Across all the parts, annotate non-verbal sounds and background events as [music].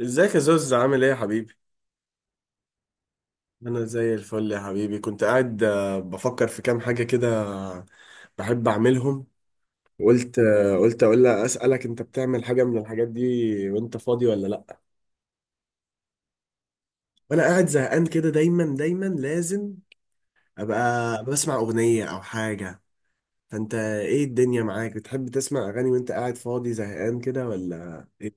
ازيك يا زوز، عامل ايه يا حبيبي؟ انا زي الفل يا حبيبي. كنت قاعد، بفكر في كام حاجه كده، بحب اعملهم. قلت اقول لها اسالك انت بتعمل حاجه من الحاجات دي وانت فاضي ولا لا؟ وانا قاعد زهقان كده، دايما دايما لازم ابقى بسمع اغنيه او حاجه. فانت ايه الدنيا معاك، بتحب تسمع اغاني وانت قاعد فاضي زهقان كده ولا ايه؟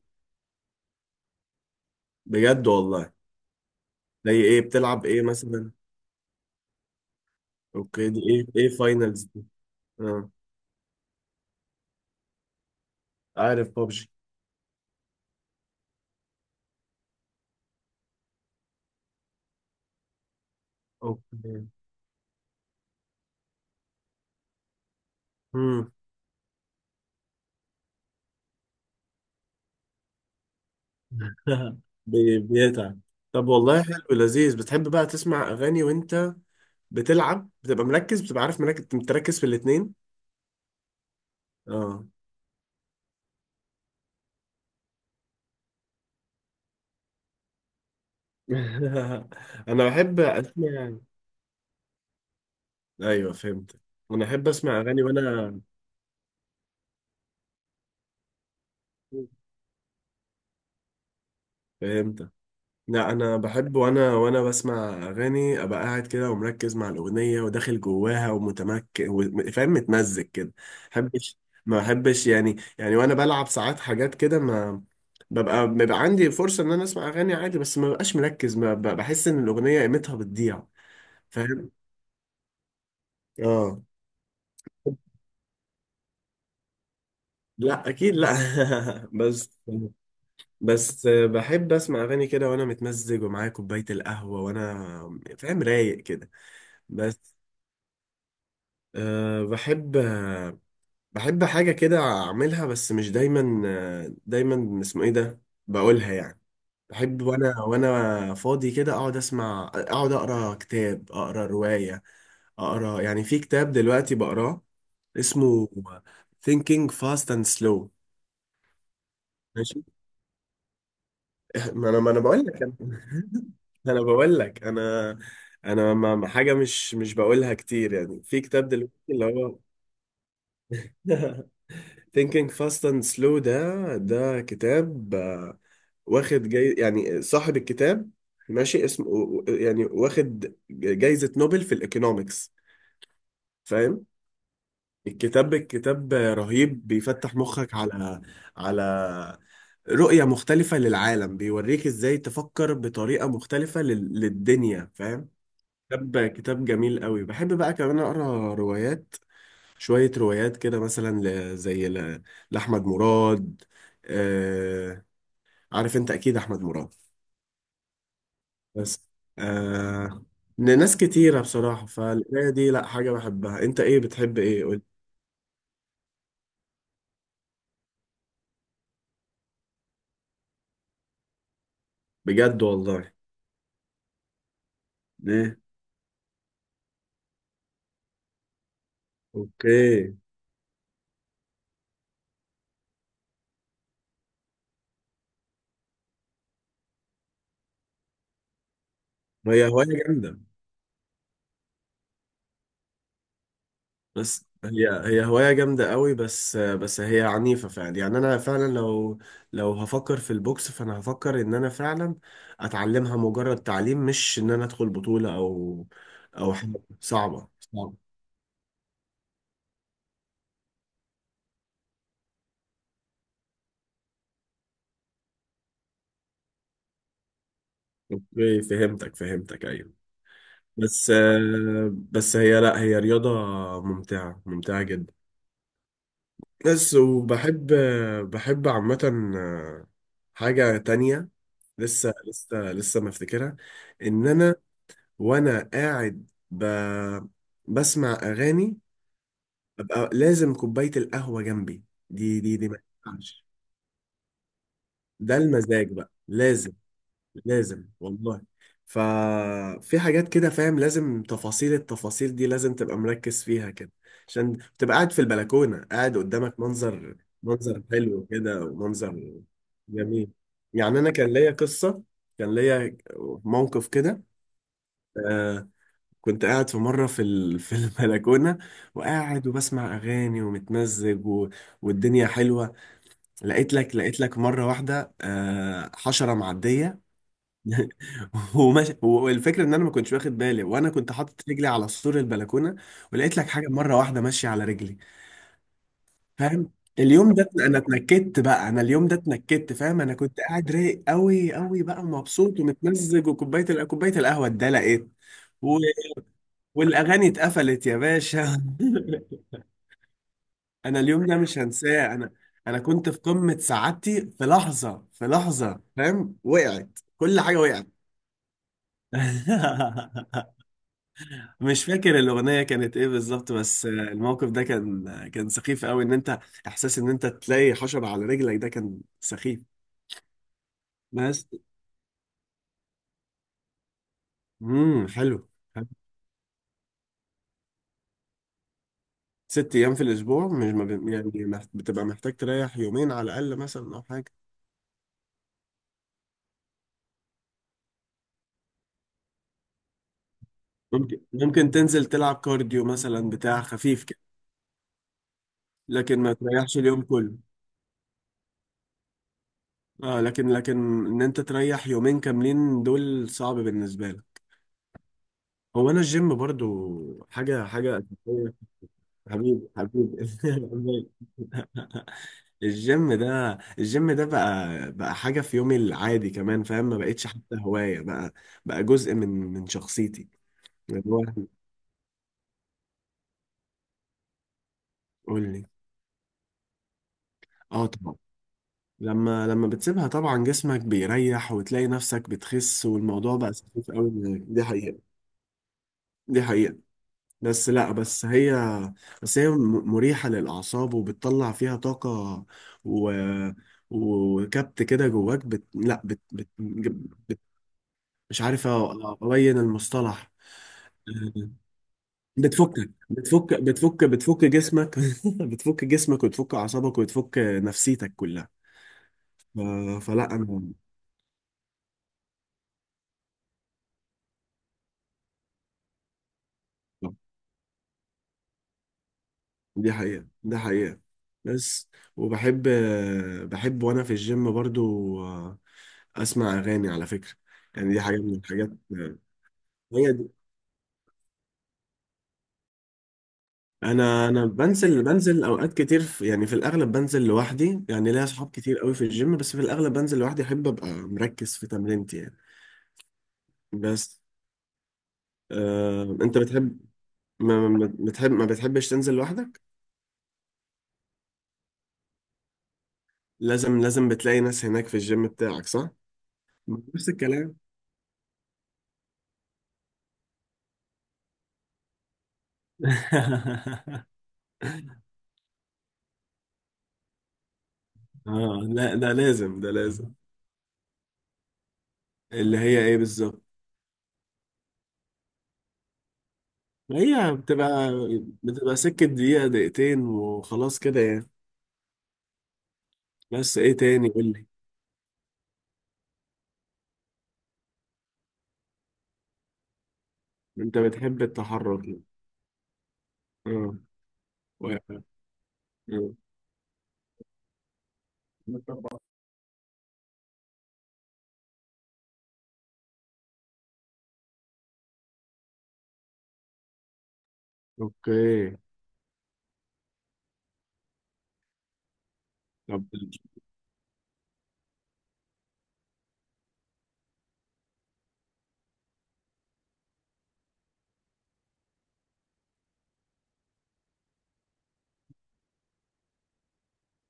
بجد والله؟ زي ايه بتلعب ايه مثلا؟ اوكي، دي ايه فاينلز دي؟ اه. عارف بابجي. اوكي. مم. [laughs] بيتعب. طب والله، حلو لذيذ. بتحب بقى تسمع اغاني وانت بتلعب، بتبقى عارف، مركز متركز في الاتنين؟ اه. [laughs] انا بحب اسمع. ايوه، فهمت. انا احب اسمع اغاني وانا... فهمت. لا، انا بحب وانا بسمع اغاني، ابقى قاعد كده ومركز مع الاغنيه وداخل جواها ومتمكن فاهم، متمزج كده. ما بحبش. ما بحبش يعني وانا بلعب ساعات حاجات كده، ما ببقى بيبقى عندي فرصه ان انا اسمع اغاني عادي، بس ما ببقاش مركز، ما بحس ان الاغنيه قيمتها بتضيع. فاهم. اه. لا، اكيد لا. [laughs] بس. بس بحب اسمع اغاني كده وانا متمزج ومعايا كوبايه القهوه وانا فاهم رايق كده. بس. أه، بحب. بحب حاجة كده أعملها، بس مش دايما، دايما اسمه إيه ده، بقولها يعني. بحب وأنا فاضي كده، أقعد أقرأ كتاب، أقرأ رواية. أقرأ يعني، في كتاب دلوقتي بقراه، اسمه Thinking Fast and Slow. ماشي. ما أنا بقول لك أنا. [laughs] أنا بقول لك أنا، أنا حاجة مش بقولها كتير، يعني في كتاب دلوقتي اللي هو... [laughs] Thinking Fast and Slow ده كتاب، واخد جاي يعني، صاحب الكتاب ماشي اسمه يعني، واخد جايزة نوبل في الإيكونومكس. فاهم. الكتاب رهيب، بيفتح مخك على... على رؤية مختلفة للعالم، بيوريك ازاي تفكر بطريقة مختلفة للدنيا، فاهم. كتاب جميل قوي. بحب بقى كمان أقرأ روايات، شوية روايات كده، مثلا زي لأحمد مراد. آه. عارف أنت أكيد أحمد مراد. بس. آه. لناس كتيرة بصراحة. فالقراية دي لأ، حاجة بحبها. أنت إيه بتحب، إيه قول؟ بجد والله؟ إيه. أوكي. ما هي هواية جامدة. بس هي هواية جامدة قوي، بس هي عنيفة فعلا، يعني أنا فعلا لو... لو هفكر في البوكس، فأنا هفكر إن أنا فعلا أتعلمها مجرد تعليم، مش إن أنا أدخل بطولة أو أو حاجة. صعبة، صعبة. أوكي، فهمتك فهمتك، أيوه. بس. بس هي، لا هي رياضة ممتعة، ممتعة جدا. بس وبحب، بحب عامة حاجة تانية. لسه لسه لسه ما افتكرها. ان انا وانا قاعد، بسمع اغاني، ابقى لازم كوبايه القهوه جنبي. دي ما ينفعش. ده المزاج بقى لازم، لازم والله. ففي حاجات كده فاهم، لازم التفاصيل دي لازم تبقى مركز فيها كده، عشان تبقى قاعد في البلكونه، قاعد قدامك منظر حلو كده، ومنظر جميل. يعني انا كان ليا قصه، كان ليا موقف كده. آه، كنت قاعد في مرة [laughs] في البلكونة، وقاعد وبسمع أغاني ومتمزج والدنيا حلوة. لقيت لك مرة واحدة، حشرة معدية. [laughs] وماشي، والفكرة إن أنا ما كنتش واخد بالي، وأنا كنت حاطط رجلي على سور البلكونة، ولقيت لك حاجة مرة واحدة ماشية على رجلي. فاهم. اليوم ده أنا اتنكدت بقى، أنا اليوم ده اتنكدت، فاهم. أنا كنت قاعد رايق أوي أوي بقى، ومبسوط ومتمزج، وكوباية ال- كوباية القهوة اتدلقت، والاغاني اتقفلت يا باشا. [laughs] انا اليوم ده مش هنساه. انا انا كنت في قمة سعادتي، في لحظة في لحظة، فاهم، وقعت كل حاجة وقعت. [laughs] مش فاكر الأغنية كانت إيه بالظبط، بس الموقف ده كان سخيف قوي. إن أنت، إحساس إن أنت تلاقي حشرة على رجلك، ده كان سخيف. بس. حلو. حلو. ست أيام في الأسبوع، مش ما بي- يعني بتبقى محتاج تريح يومين على الأقل مثلا، أو حاجة؟ ممكن تنزل تلعب كارديو مثلا، بتاع خفيف كده، لكن ما تريحش اليوم كله. اه، لكن ان انت تريح يومين كاملين دول صعب بالنسبه لك. هو انا الجيم برضو حاجه أساسية. حبيبي حبيبي [laughs] الجيم ده بقى حاجه في يومي العادي كمان، فاهم، ما بقتش حتى هوايه. بقى بقى جزء من شخصيتي. اللي هو... قول لي. اه، طبعا. لما بتسيبها طبعا جسمك بيريح، وتلاقي نفسك بتخس، والموضوع بقى سخيف قوي معاك. دي حقيقة. دي حقيقة. بس لا، بس هي، بس هي مريحة للأعصاب، وبتطلع فيها طاقة و... وكبت كده جواك، لا، بت... مش عارف، أبين المصطلح. بتفك جسمك [laughs] بتفك جسمك، وتفك أعصابك، وتفك نفسيتك كلها. ف... فلا أنا، دي حقيقة دي حقيقة. بس وبحب، بحب وانا في الجيم برضو، آه، اسمع اغاني على فكرة. يعني دي حاجة من الحاجات، هي دي. انا بنزل اوقات كتير، يعني في الاغلب بنزل لوحدي، يعني ليا اصحاب كتير قوي في الجيم، بس في الاغلب بنزل لوحدي، احب ابقى مركز في تمرينتي يعني. بس. آه، انت بتحب ما بتحبش تنزل لوحدك؟ لازم بتلاقي ناس هناك في الجيم بتاعك، صح؟ نفس الكلام. [laughs] اه، لا ده لازم ده لازم. اللي هي ايه بالظبط؟ هي بتبقى سكة دقيقة دقيقتين وخلاص كده يعني. بس ايه تاني قول لي؟ انت بتحب التحرك يعني. اه. و- آه. اوكي، طب.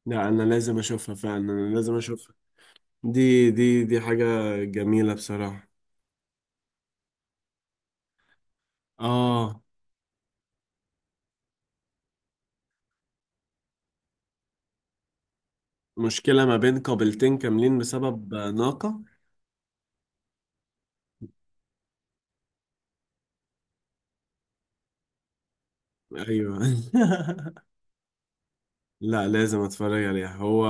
لا انا لازم اشوفها فعلا، انا لازم اشوفها. دي حاجة جميلة بصراحة. اه. مشكلة ما بين قابلتين كاملين بسبب ناقة؟ ايوه. [laughs] لا لازم اتفرج عليها. هو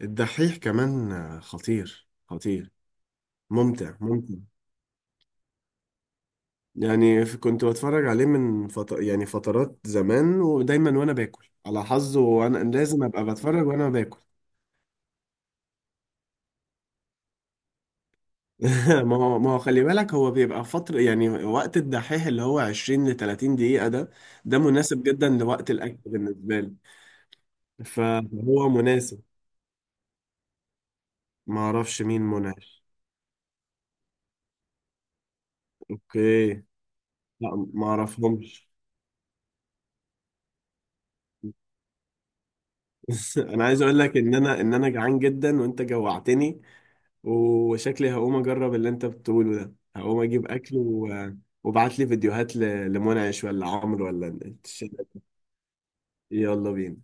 الدحيح كمان خطير خطير، ممتع ممتع. يعني كنت بتفرج عليه من يعني فترات زمان، ودايما وانا باكل على حظه وانا لازم ابقى بتفرج وانا باكل. [laughs] ما هو خلي بالك، هو بيبقى فترة، يعني وقت الدحيح اللي هو 20 ل 30 دقيقة ده، ده مناسب جدا لوقت الاكل بالنسبة لي. فهو مناسب. ما اعرفش مين منعش؟ اوكي. لا، ما اعرفهمش. [laughs] انا عايز اقول لك ان انا جعان جدا وانت جوعتني، وشكلي هقوم اجرب اللي انت بتقوله ده، هقوم اجيب اكل وابعت لي فيديوهات لمنعش ولا عمرو ولا الشلة. يلا بينا.